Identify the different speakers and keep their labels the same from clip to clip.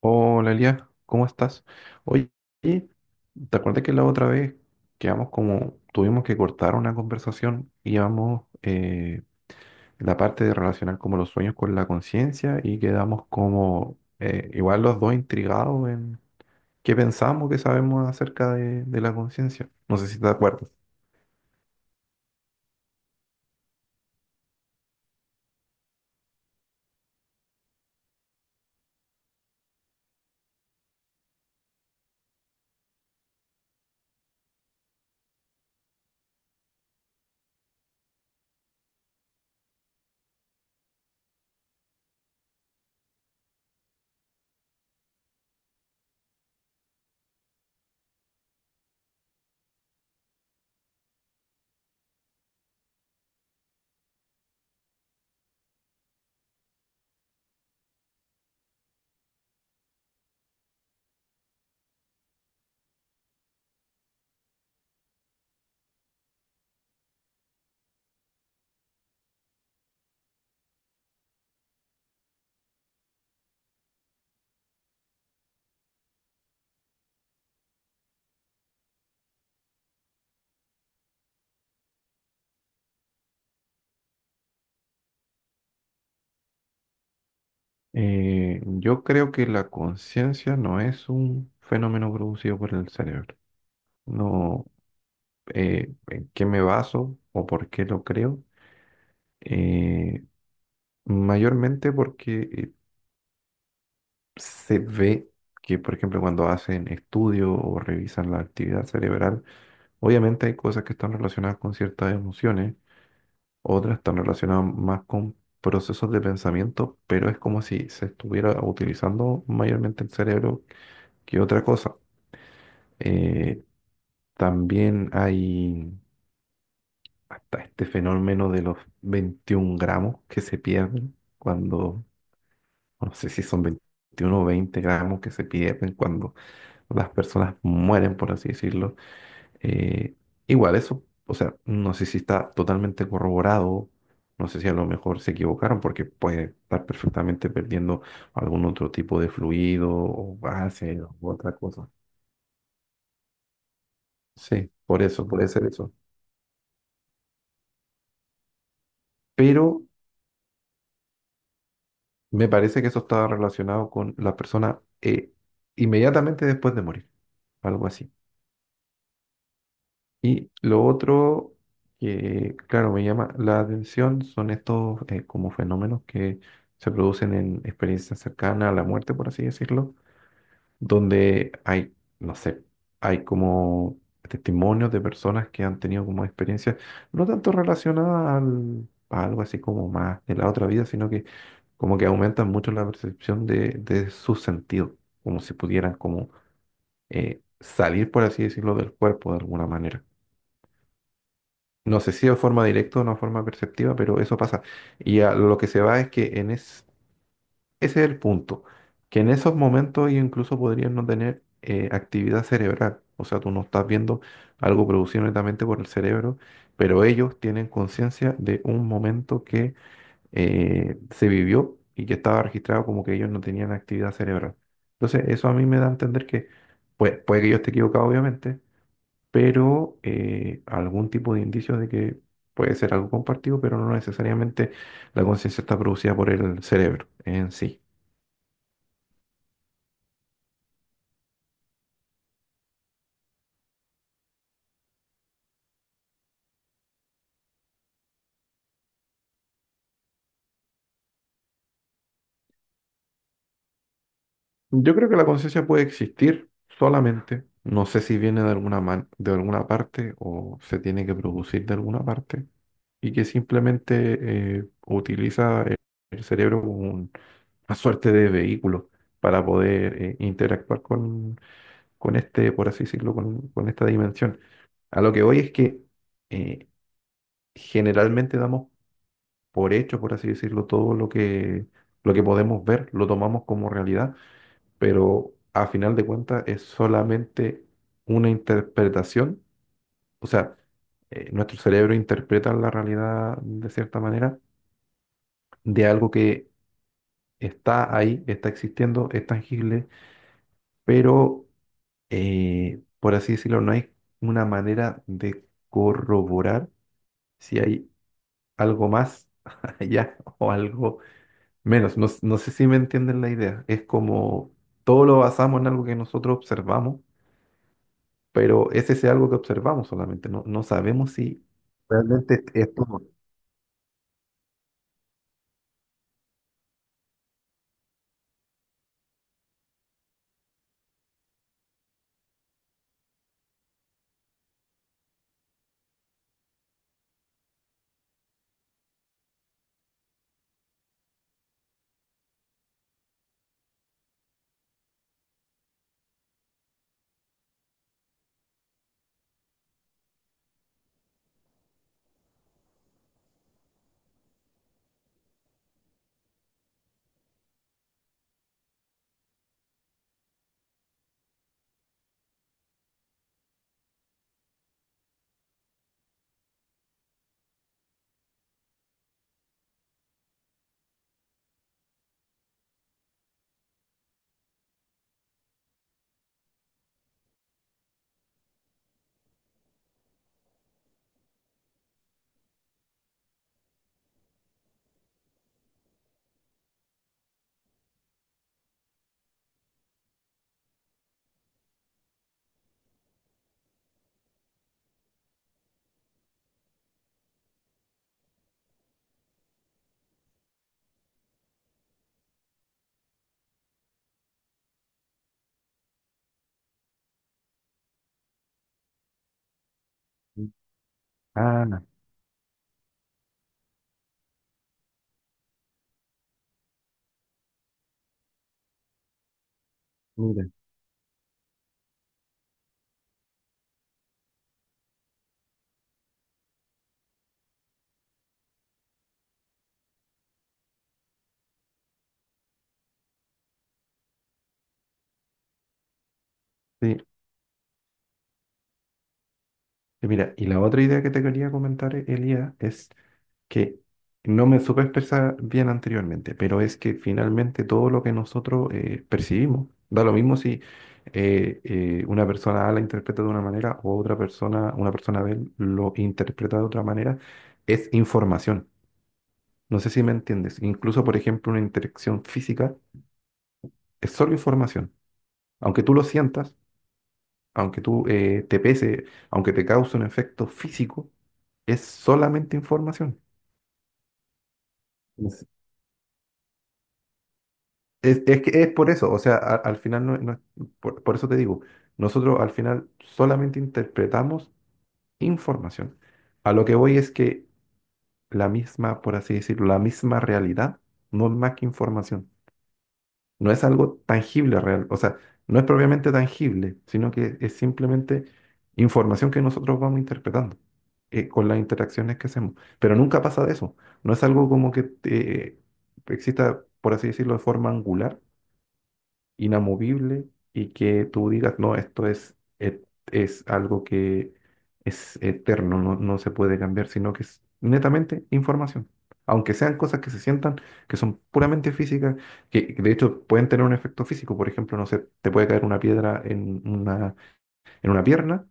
Speaker 1: Hola Elia, ¿cómo estás? Oye, ¿te acuerdas que la otra vez quedamos como, tuvimos que cortar una conversación y llevamos la parte de relacionar como los sueños con la conciencia y quedamos como igual los dos intrigados en qué pensamos, ¿qué sabemos acerca de la conciencia? No sé si te acuerdas. Yo creo que la conciencia no es un fenómeno producido por el cerebro. No, ¿en qué me baso o por qué lo creo? eh, Mayormente porque se ve que, por ejemplo, cuando hacen estudio o revisan la actividad cerebral, obviamente hay cosas que están relacionadas con ciertas emociones, otras están relacionadas más con procesos de pensamiento, pero es como si se estuviera utilizando mayormente el cerebro que otra cosa. Eh, también hay hasta este fenómeno de los 21 gramos que se pierden cuando, no sé si son 21 o 20 gramos, que se pierden cuando las personas mueren, por así decirlo. Eh, igual eso, o sea, no sé si está totalmente corroborado, no sé si a lo mejor se equivocaron porque puede estar perfectamente perdiendo algún otro tipo de fluido o base o otra cosa. Sí, por eso, puede ser eso. Pero me parece que eso estaba relacionado con la persona inmediatamente después de morir, algo así. Y lo otro que, claro, me llama la atención son estos como fenómenos que se producen en experiencias cercanas a la muerte, por así decirlo, donde hay, no sé, hay como testimonios de personas que han tenido como experiencias no tanto relacionadas a algo así como más de la otra vida, sino que como que aumentan mucho la percepción de su sentido, como si pudieran como salir, por así decirlo, del cuerpo de alguna manera. No sé si de forma directa o de forma perceptiva, pero eso pasa. Y a lo que se va es que ese es el punto, que en esos momentos ellos incluso podrían no tener actividad cerebral. O sea, tú no estás viendo algo producido netamente por el cerebro, pero ellos tienen conciencia de un momento que se vivió y que estaba registrado como que ellos no tenían actividad cerebral. Entonces, eso a mí me da a entender que, pues, puede que yo esté equivocado, obviamente, pero algún tipo de indicios de que puede ser algo compartido, pero no necesariamente la conciencia está producida por el cerebro en sí. Yo creo que la conciencia puede existir solamente, no sé si viene de de alguna parte o se tiene que producir de alguna parte, y que simplemente utiliza el cerebro como una suerte de vehículo para poder interactuar con este, por así decirlo, con esta dimensión. A lo que voy es que eh, generalmente damos por hecho, por así decirlo, todo lo que podemos ver, lo tomamos como realidad, pero a final de cuentas es solamente una interpretación, o sea, nuestro cerebro interpreta la realidad de cierta manera, de algo que está ahí, está existiendo, es tangible, pero por así decirlo, no hay una manera de corroborar si hay algo más allá o algo menos. No, no sé si me entienden la idea. Es como todo lo basamos en algo que nosotros observamos, pero es ese algo que observamos solamente. No, no sabemos si realmente es todo. Ah, mira. Sí. Y mira, y la otra idea que te quería comentar, Elia, es que no me supe expresar bien anteriormente, pero es que finalmente todo lo que nosotros percibimos, da lo mismo si una persona A la interpreta de una manera o otra persona, una persona B lo interpreta de otra manera, es información. No sé si me entiendes. Incluso, por ejemplo, una interacción física es solo información. Aunque tú lo sientas, aunque tú te pese, aunque te cause un efecto físico, es solamente información. Es, es que es por eso, o sea, al final por eso te digo, nosotros al final solamente interpretamos información. A lo que voy es que la misma, por así decirlo, la misma realidad no es más que información. No es algo tangible real, o sea, no es propiamente tangible, sino que es simplemente información que nosotros vamos interpretando con las interacciones que hacemos. Pero nunca pasa de eso, no es algo como que exista, por así decirlo, de forma angular, inamovible y que tú digas, no, es algo que es eterno, no, no se puede cambiar, sino que es netamente información. Aunque sean cosas que se sientan, que son puramente físicas, que de hecho pueden tener un efecto físico, por ejemplo, no sé, te puede caer una piedra en una pierna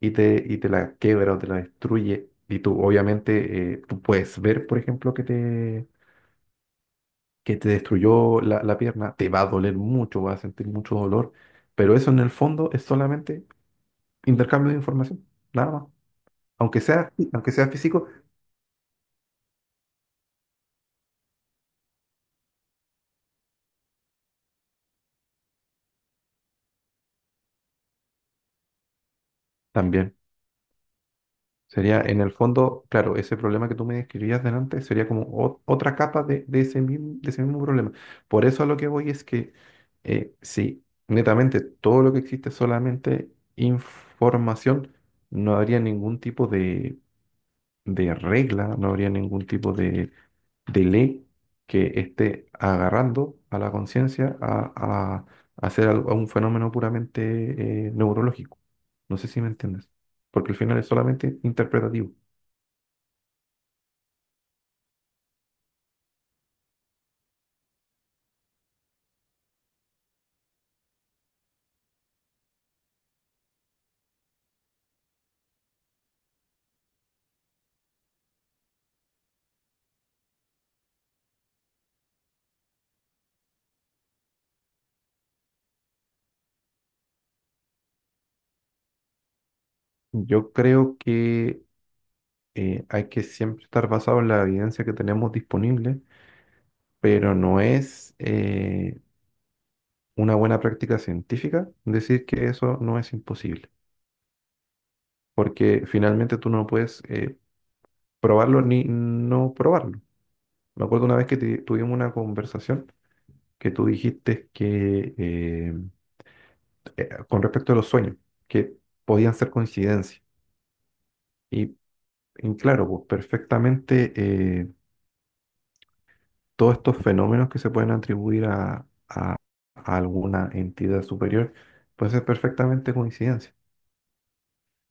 Speaker 1: y te la quiebra o te la destruye. Y tú, obviamente, tú puedes ver, por ejemplo, que te destruyó la pierna, te va a doler mucho, vas a sentir mucho dolor, pero eso en el fondo es solamente intercambio de información, nada más. Aunque sea físico, también. Sería en el fondo, claro, ese problema que tú me describías delante sería como otra capa de ese mismo problema. Por eso a lo que voy es que si netamente todo lo que existe es solamente información, no habría ningún tipo de regla, no habría ningún tipo de ley que esté agarrando a la conciencia a hacer a un fenómeno puramente neurológico. No sé si me entiendes, porque al final es solamente interpretativo. Yo creo que hay que siempre estar basado en la evidencia que tenemos disponible, pero no es una buena práctica científica decir que eso no es imposible, porque finalmente tú no puedes probarlo ni no probarlo. Me acuerdo una vez que tuvimos una conversación que tú dijiste que con respecto a los sueños, que podían ser coincidencias. Y, y claro, pues perfectamente todos estos fenómenos que se pueden atribuir a alguna entidad superior, pueden ser perfectamente coincidencia.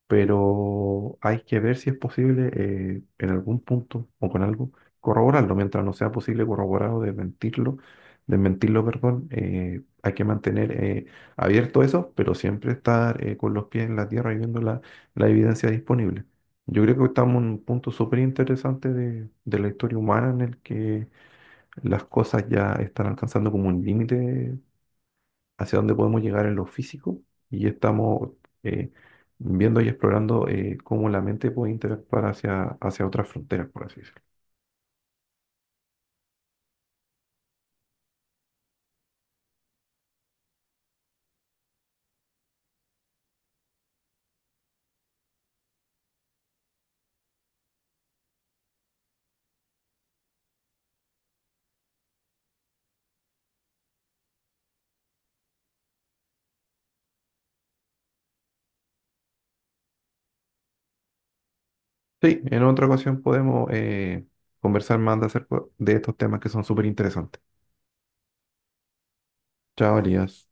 Speaker 1: Pero hay que ver si es posible en algún punto o con algo corroborarlo. Mientras no sea posible corroborarlo, desmentirlo, perdón, hay que mantener abierto eso, pero siempre estar con los pies en la tierra y viendo la, la evidencia disponible. Yo creo que estamos en un punto súper interesante de la historia humana en el que las cosas ya están alcanzando como un límite hacia dónde podemos llegar en lo físico y estamos eh, viendo y explorando cómo la mente puede interactuar hacia, hacia otras fronteras, por así decirlo. Sí, en otra ocasión podemos conversar más de acerca de estos temas que son súper interesantes. Chao, Elías.